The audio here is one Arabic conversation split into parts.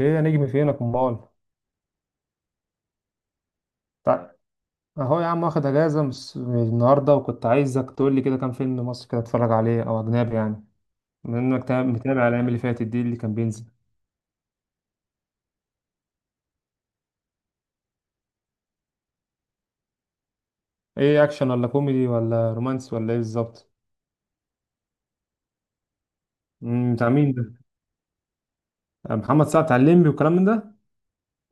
ايه يا نجم، فينك امال؟ تع- اهو يا عم، واخد اجازه من النهارده، وكنت عايزك تقول لي كده كام فيلم مصري كده اتفرج عليه او اجنبي يعني، بما انك متابع الايام اللي فاتت دي اللي كان بينزل. ايه اكشن ولا كوميدي ولا رومانس ولا ايه بالظبط؟ بتاع مين ده؟ آه، محمد سعد بتاع الليمبي والكلام من ده.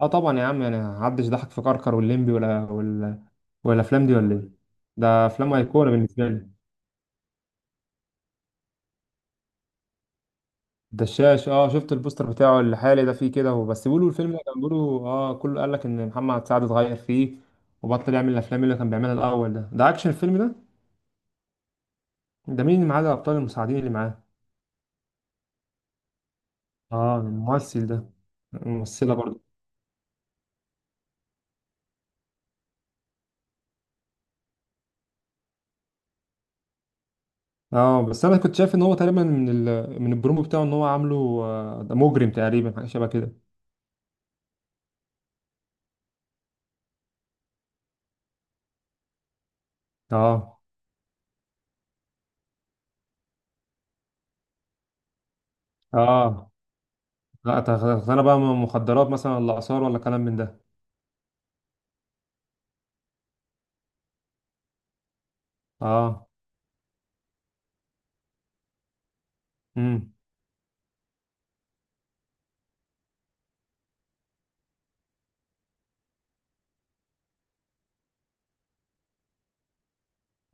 اه طبعا يا عم، انا محدش ضحك في كركر والليمبي ولا ولا، ولا الافلام دي ولا ايه؟ ده افلام ايقونه بالنسبه لي. دشاش اه، شفت البوستر بتاعه الحالي ده، فيه كده هو، بس بيقولوا الفيلم، كان بيقولوا اه كله قال لك ان محمد سعد اتغير فيه وبطل يعمل الافلام اللي كان بيعملها الاول. ده اكشن الفيلم ده؟ ده مين اللي معاه ده، الابطال المساعدين اللي معاه؟ اه الممثل ده. الممثله برضه. اه بس انا كنت شايف ان هو تقريبا من من البرومو بتاعه ان هو عامله، آه، ده مجرم تقريبا حاجه شبه كده. اه اه. لا انا بقى مخدرات مثلا، ولا اثار ولا كلام من ده. اه. امم.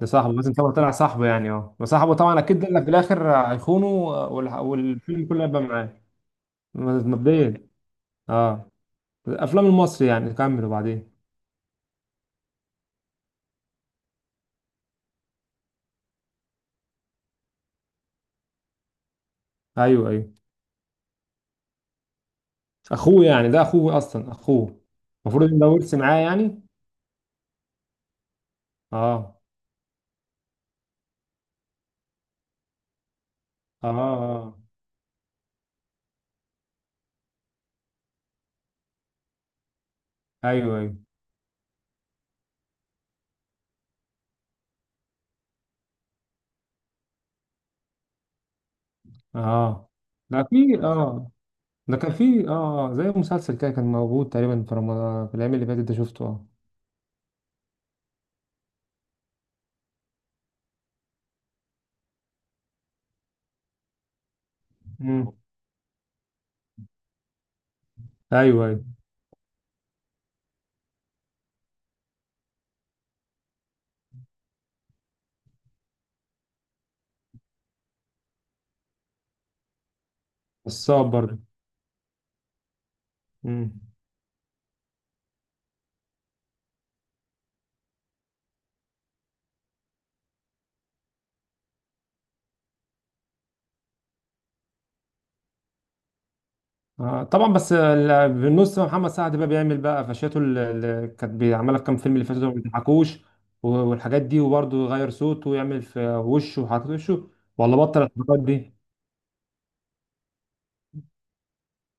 ده صاحبه لازم طبعا طلع صاحبه يعني، اه بس صاحبه طبعا اكيد قال لك في الاخر هيخونه، والفيلم كله هيبقى معاه. مبدئيا. اه. الافلام المصري يعني، كمل وبعدين. ايوه ايوه. اخوه يعني ده، اخوه اصلا اخوه؟ المفروض ان ده ورث معاه يعني. اه. اه اه. ايوه ايوه. اه ده في اه ده كان في اه، آه. زي مسلسل كده كان موجود تقريبا في رمضان في الايام اللي فاتت ده، شفته اه. مم. ايوه ايوه. الصعب برضه. امم. آه طبعا، بس بالنص محمد سعد بقى بيعمل بقى قفشاته اللي كانت بيعملها في كام فيلم اللي فاتوا دول، ما بيضحكوش، والحاجات دي، وبرضه يغير صوته ويعمل في وشه وحركات وشه. ولا بطل الحركات دي.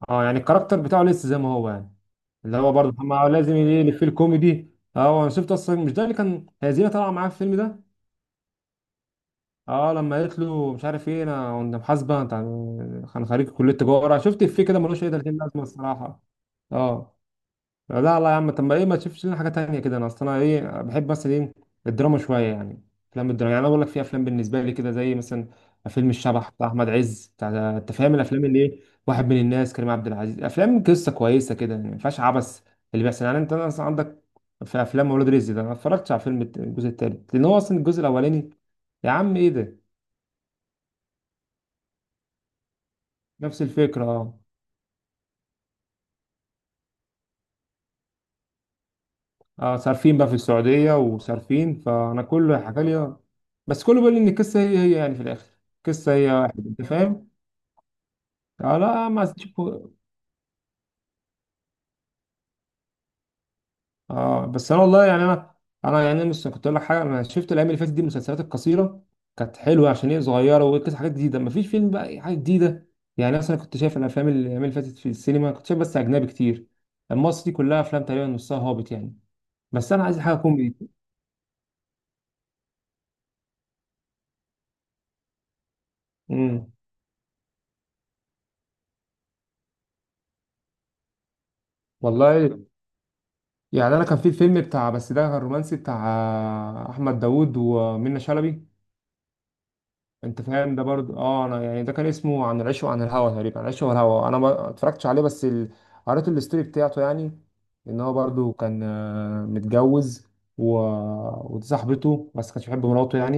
اه، يعني الكاركتر بتاعه لسه زي ما هو يعني. اللي هو برضه محمد، آه، لازم يلف في الكوميدي. اه انا شفت اصلا، مش ده اللي كان هزينه طالعه معاه في الفيلم ده؟ اه لما قالت له مش عارف ايه، انا كنت محاسبه انت، كان خريج كليه تجاره، شفت الفيه كده ملوش اي 30 لازمه الصراحه. اه. لا لا يا عم، طب ما ايه، ما تشوفش لنا حاجه تانية كده، انا اصل انا ايه، بحب مثلا ايه، الدراما شويه يعني. افلام الدراما يعني، انا بقول لك في افلام بالنسبه لي كده، زي مثلا فيلم الشبح بتاع احمد عز، بتاع انت فاهم الافلام اللي ايه. واحد من الناس كريم عبد العزيز، افلام قصه كويسه كده يعني، ما فيهاش عبث اللي بيحصل يعني، انت مثلا عندك في افلام ولاد رزق. ده انا ما اتفرجتش على فيلم الجزء التالت، لان هو اصلا الجزء الاولاني يا عم ايه ده. نفس الفكره. اه صارفين بقى في السعودية وصارفين، فأنا كله حكى لي، بس كله بيقول لي إن القصة هي هي يعني، في الآخر القصة هي واحد، أنت فاهم؟ آه لا ما تشوفوا. اه بس أنا والله يعني أنا، أنا يعني مش كنت أقول لك حاجة، أنا شفت الأيام اللي فاتت دي المسلسلات القصيرة، كانت حلوة عشان هي صغيرة وقصة حاجات جديدة، مفيش فيلم بقى أي حاجة جديدة. يعني مثلا كنت شايف الأفلام اللي الأيام اللي فاتت في السينما، كنت شايف بس أجنبي كتير، المصري كلها أفلام تقريبا نصها هابط يعني. بس أنا عايز حاجة كوميدي. امم. والله يعني انا كان في الفيلم بتاع، بس ده كان رومانسي بتاع احمد داوود ومنى شلبي. انت فاهم ده برضه، اه انا يعني ده كان اسمه عن العشق وعن الهوى تقريبا، عن العشق والهوى، انا ما اتفرجتش عليه بس قريت الستوري بتاعته يعني. ان هو برضه كان آه، متجوز، و... ودي صاحبته، بس كانش بيحب مراته يعني،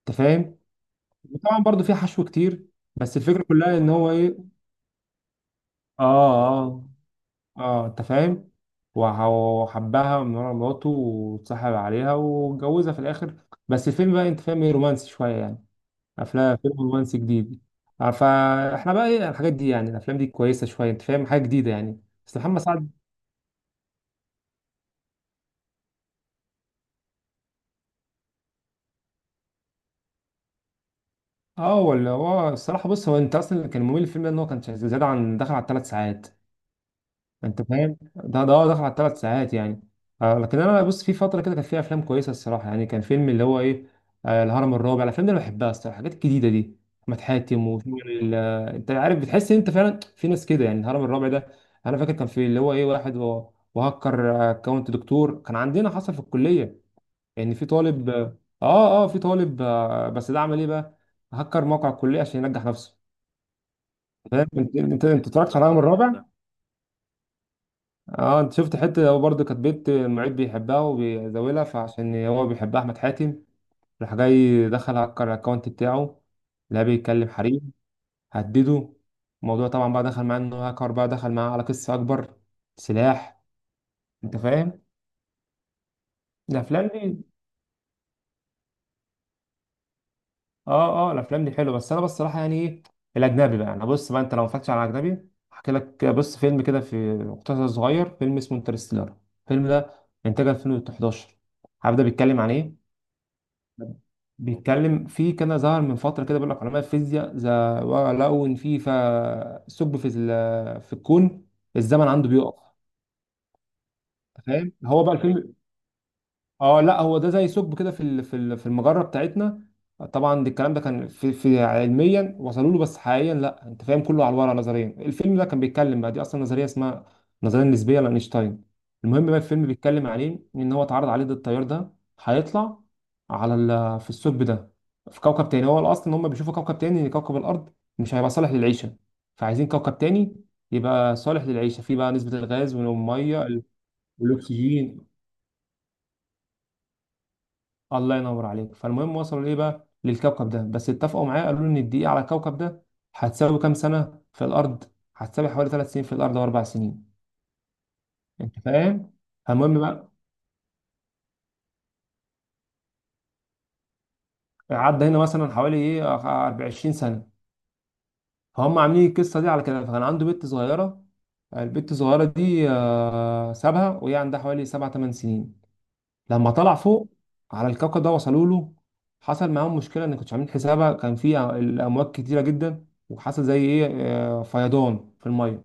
انت فاهم. طبعا برضه في حشو كتير. بس الفكره كلها ان هو ايه. اه اه اه، انت فاهم، وحبها من ورا مراته، واتصاحب عليها واتجوزها في الاخر. بس الفيلم بقى انت فاهم، ايه رومانسي شويه يعني. افلام فيلم رومانسي جديد. آه، فاحنا بقى ايه الحاجات دي يعني، الافلام دي كويسه شويه، انت فاهم حاجه جديده يعني، بس محمد سعد اه ولا هو الصراحه. بص هو انت اصلا اللي كان ممل الفيلم ده، ان هو كان زياده عن داخل على 3 ساعات. انت فاهم ده، هو دخل على 3 ساعات يعني. آه لكن انا بص، في فتره كده كان فيها افلام كويسه الصراحه يعني، كان فيلم اللي هو ايه، آه الهرم الرابع، الافلام دي انا بحبها الصراحه، الحاجات الجديده دي، احمد حاتم وال. انت عارف بتحس ان انت فعلا في ناس كده يعني، الهرم الرابع ده، انا فاكر كان في اللي هو ايه واحد وهكر اكونت دكتور كان عندنا، حصل في الكليه، يعني في طالب اه. اه آه، في طالب آه، بس ده عمل ايه بقى؟ هكر موقع الكليه عشان ينجح نفسه. فاهم انت، اتفرجت على الهرم الرابع؟ اه انت شفت، حته هو برضه كانت بنت المعيد بيحبها وبيزاولها، فعشان هو بيحبها احمد حاتم راح جاي دخل هكر الاكونت بتاعه. لا بيتكلم حريم هدده. الموضوع طبعا بقى دخل معاه انه هاكر، بقى دخل معاه على قصه اكبر، سلاح. انت فاهم الافلام دي. اه اه الافلام دي حلوه، بس انا بصراحه يعني ايه، الاجنبي بقى، انا بص بقى، انت لو ما اتفرجتش على اجنبي احكي لك، بص فيلم كده في مقتطف صغير، فيلم اسمه انترستيلر، الفيلم ده انتاج 2011. عارف ده بيتكلم عن ايه؟ بيتكلم في، كان ظهر من فترة كده بيقول لك علماء الفيزياء ذا، لقوا إن ثقب في الكون الزمن عنده بيقف، فاهم هو بقى الفيلم. اه لا هو ده زي ثقب كده في المجره بتاعتنا. طبعا ده الكلام ده كان في علميا وصلوا له، بس حقيقيا لا، انت فاهم كله على الورق نظريا. الفيلم ده كان بيتكلم بقى، دي اصلا نظريه اسمها النظريه النسبيه لاينشتاين. المهم بقى الفيلم بيتكلم عليه، ان هو اتعرض عليه ده التيار ده، هيطلع على في الثقب ده، في كوكب تاني. هو الاصل ان هم بيشوفوا كوكب تاني، ان كوكب الارض مش هيبقى صالح للعيشه، فعايزين كوكب تاني يبقى صالح للعيشه، فيه بقى نسبه الغاز والميه والاكسجين. الله ينور عليك. فالمهم وصلوا ليه بقى للكوكب ده، بس اتفقوا معاه، قالوا له ان الدقيقة على الكوكب ده هتساوي كام سنة في الأرض، هتساوي حوالي 3 سنين في الأرض و4 سنين. أنت فاهم. فالمهم بقى، عدى هنا مثلا حوالي إيه 24 سنة. فهم عاملين القصة دي على كده، فكان عنده بنت صغيرة، البنت الصغيرة دي آه، سابها وهي عندها حوالي 7 8 سنين، لما طلع فوق على الكوكب ده. وصلوا له، حصل معاهم مشكله ان كنتش عاملين حسابها، كان الامواج كتيره جدا، وحصل زي ايه، آه، فيضان في الميه،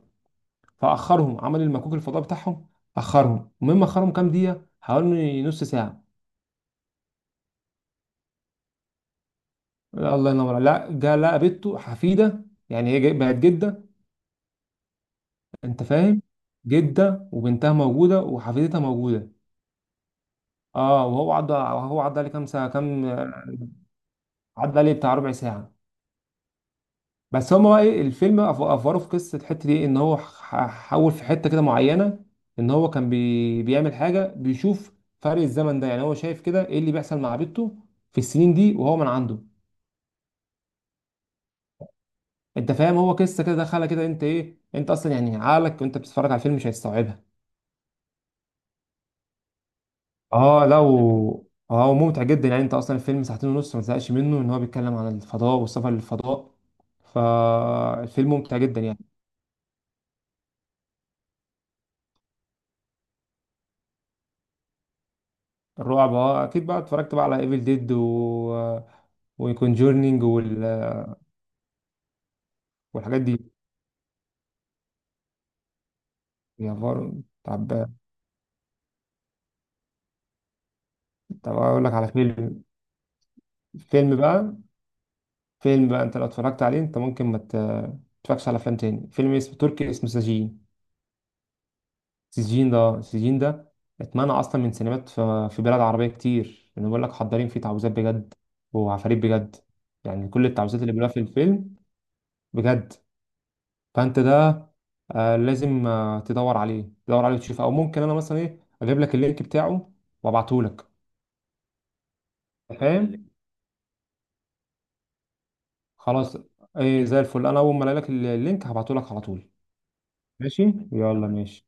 فاخرهم عمل المكوك الفضاء بتاعهم. اخرهم المهم اخرهم كام دقيقه، حوالي نص ساعه. لا الله ينور عليك. لا جا لقى بنته حفيده، يعني بقت جده. انت فاهم، جده وبنتها موجوده وحفيدتها موجوده. اه، وهو عدى، عليه كام ساعه كام، عدى عليه بتاع ربع ساعه. بس هما بقى ايه الفيلم افوره في قصه الحته دي، ان هو حول في حته كده معينه، ان هو كان بيعمل حاجه بيشوف فرق الزمن ده. يعني هو شايف كده ايه اللي بيحصل مع بنته في السنين دي وهو من عنده. انت فاهم، هو قصه كده دخلها كده، انت ايه، انت اصلا يعني عقلك وانت بتتفرج على الفيلم مش هيستوعبها. اه لا اه هو ممتع جدا يعني، انت اصلا الفيلم ساعتين ونص ما تزهقش منه، ان هو بيتكلم عن الفضاء والسفر للفضاء، فالفيلم ممتع جدا يعني. الرعب اه، اكيد بقى اتفرجت بقى على ايفل ديد و، وكونجورنينج والحاجات دي. يا فار. طب طب اقول لك على فيلم، فيلم بقى، فيلم بقى انت لو اتفرجت عليه انت ممكن ما تتفرجش على افلام تاني. فيلم اسمه تركي، اسمه سجين. سجين ده، سجين ده اتمنع اصلا من سينمات في بلاد عربيه كتير، لانه بيقول لك حضارين فيه تعويذات بجد وعفاريت بجد، يعني كل التعويذات اللي بيقولها في الفيلم بجد. فانت ده آه، لازم آه، تدور عليه، تدور عليه وتشوفه، او ممكن انا مثلا ايه اجيب لك اللينك بتاعه وابعته لك. اللي فاهم. خلاص. ايه زي الفل، انا اول ما الاقي لك اللينك هبعته لك على طول. ماشي. يلا ماشي.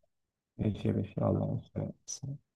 ماشي يا باشا، يلا. سلام.